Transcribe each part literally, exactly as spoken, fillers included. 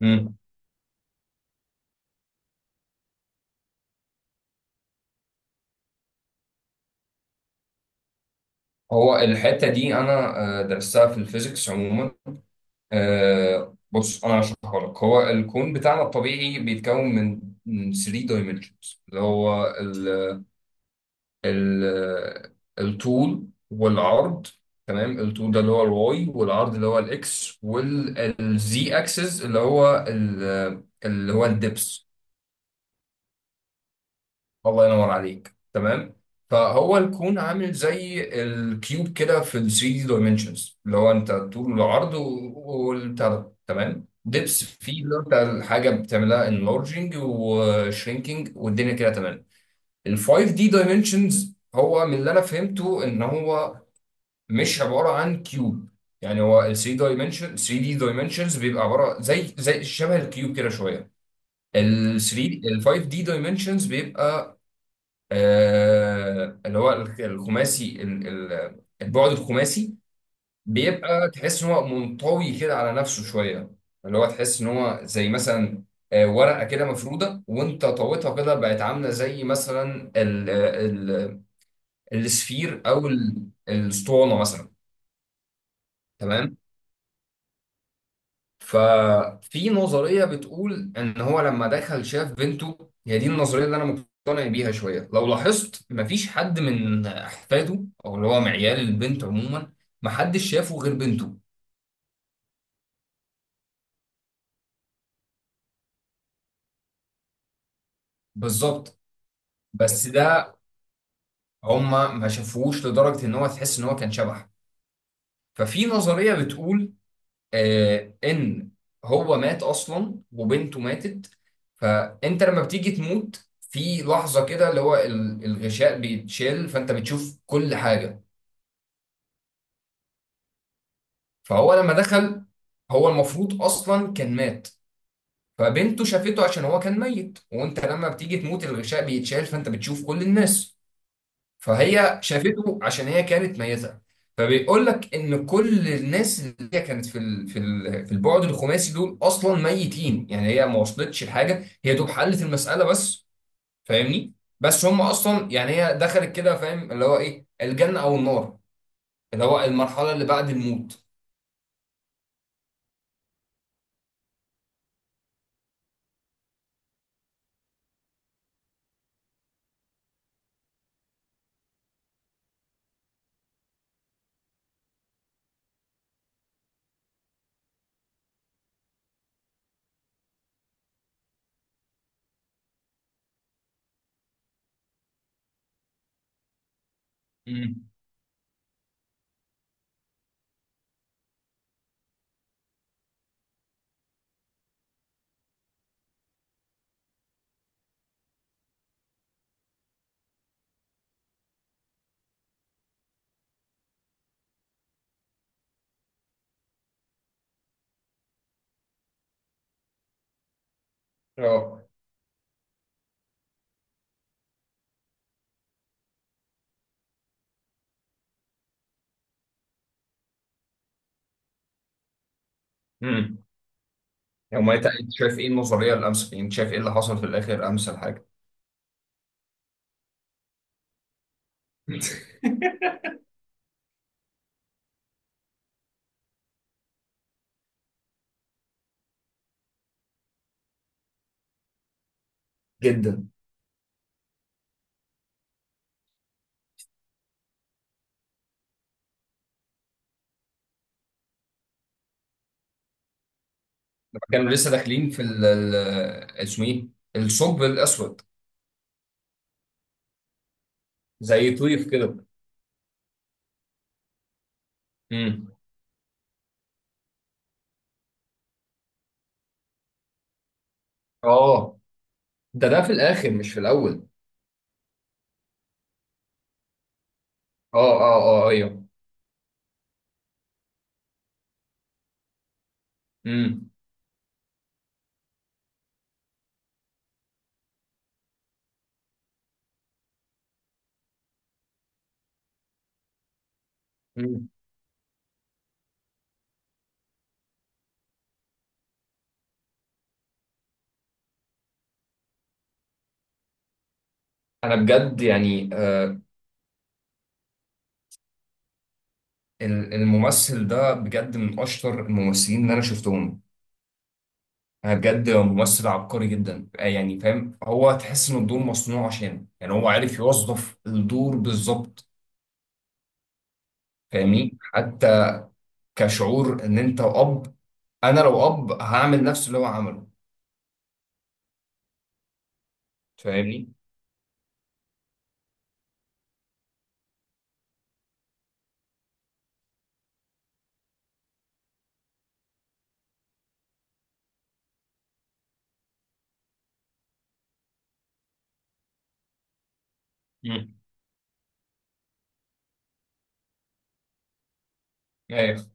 مم. هو الحتة دي أنا آه، درستها في الفيزيكس عموما. آه، بص أنا هشرحها لك. هو الكون بتاعنا الطبيعي بيتكون من من ثلاث دايمنشنز، اللي هو ال ال الطول والعرض. تمام؟ الطول ده اللي هو الواي، والعرض اللي هو الإكس، والزي أكسس اللي هو ال اللي هو الدبس. الله ينور عليك. تمام. فهو الكون عامل زي الكيوب كده في ال ثلاث دايمنشنز، اللي هو انت طول العرض والبتاع ده. تمام. دبس فيه اللي هو انت الحاجه بتعملها انلارجنج وشرينكينج والدنيا كده. تمام. ال 5 دي دايمنشنز هو، من اللي انا فهمته، ان هو مش عباره عن كيوب. يعني هو ال ثري دي دايمنشن، 3 دي دايمنشنز بيبقى عباره زي زي شبه الكيوب كده شويه. ال ثلاث ال 5 دي دايمنشنز بيبقى آه، اللي هو الخ- الخماسي، ال- ال- البعد الخماسي، بيبقى تحس ان هو منطوي كده على نفسه شويه. اللي هو تحس ان هو زي مثلا آه، ورقه كده مفروده وانت طويتها كده بقت عامله زي مثلا ال ال السفير او ال- الاسطوانه مثلا. تمام. ففي نظرية بتقول إن هو لما دخل شاف بنته. هي دي النظرية اللي أنا مقتنع بيها شوية. لو لاحظت، مفيش حد من أحفاده أو اللي هو معيال البنت عموما محدش شافه غير بنته. بالظبط. بس ده هما ما شافوهوش لدرجة إن هو تحس إن هو كان شبح. ففي نظرية بتقول آه، ان هو مات اصلا وبنته ماتت. فانت لما بتيجي تموت في لحظه كده، اللي هو ال- الغشاء بيتشال، فانت بتشوف كل حاجه. فهو لما دخل، هو المفروض اصلا كان مات. فبنته شافته عشان هو كان ميت، وانت لما بتيجي تموت الغشاء بيتشال فانت بتشوف كل الناس. فهي شافته عشان هي كانت ميتة. فبيقول لك ان كل الناس اللي هي كانت في ال- في ال- في البعد الخماسي، دول اصلا ميتين. يعني هي ما وصلتش لحاجه، هي دوب حلت المساله بس. فاهمني؟ بس هم اصلا، يعني هي دخلت كده، فاهم، اللي هو ايه؟ الجنه او النار. اللي هو المرحله اللي بعد الموت. امم اه. امم هم انت، أنت شايف ايه النظريه؟ الامس انت شايف ايه اللي حصل في الاخر؟ امس حاجه. جدا لما كانوا لسه داخلين في ال ال- اسمه ايه، الثقب الاسود، زي طيف كده. امم اه. ده ده في الاخر مش في الاول. اه، اه، اه، ايوه. امم امم انا بجد يعني آه ال- الممثل ده بجد من اشطر الممثلين اللي انا شفتهم. انا بجد ممثل عبقري جدا. آه، يعني فاهم، هو تحس ان الدور مصنوع عشانه. يعني هو عارف يوظف الدور بالظبط. فاهمني؟ حتى كشعور، ان انت اب انا لو اب هعمل نفس اللي هو عمله. فاهمني؟ امم ايوه.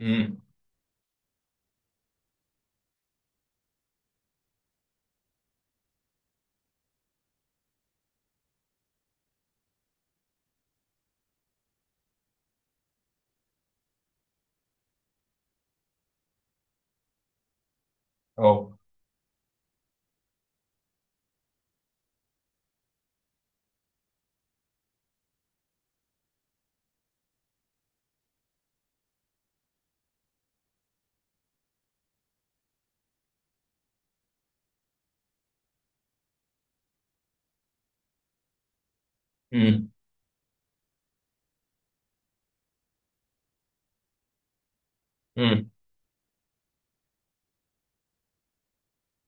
امم اه. امم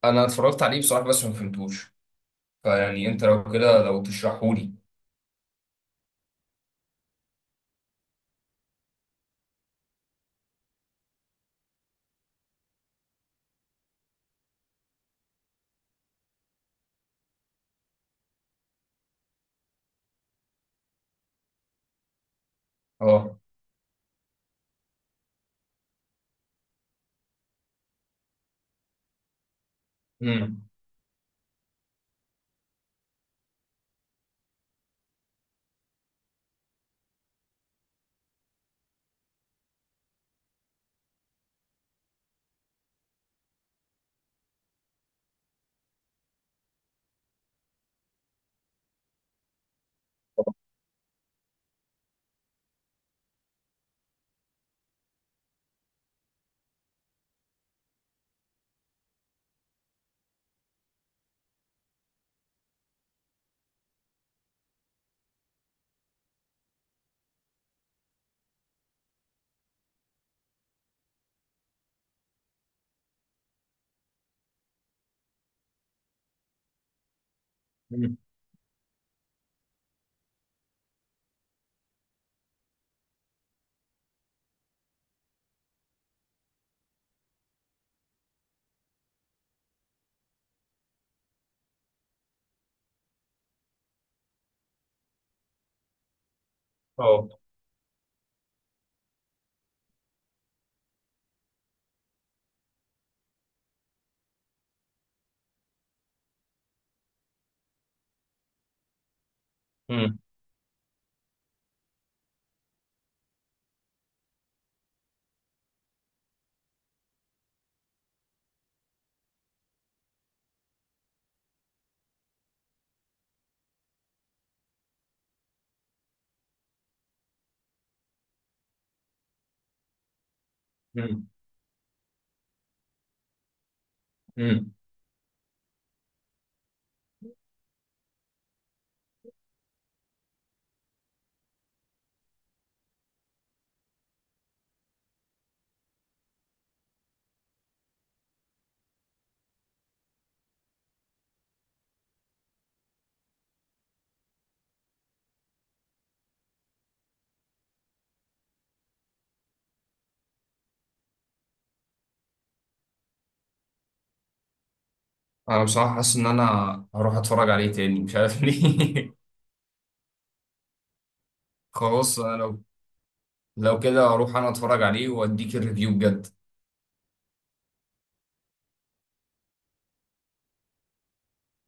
انا اتفرجت عليه بصراحه بس ما فهمتوش. فيعني انت لو كده، لو تشرحهولي. اه. امم امم اه. امم امم امم انا بصراحه حاسس ان انا هروح اتفرج عليه تاني، مش عارف ليه. خلاص، انا لو لو كده هروح انا اتفرج عليه واديك الريفيو بجد.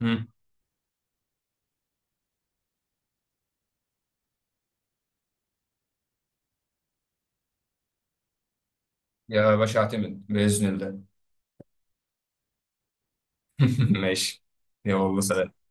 امم يا باشا اعتمد باذن الله. ماشي. يلا سلام.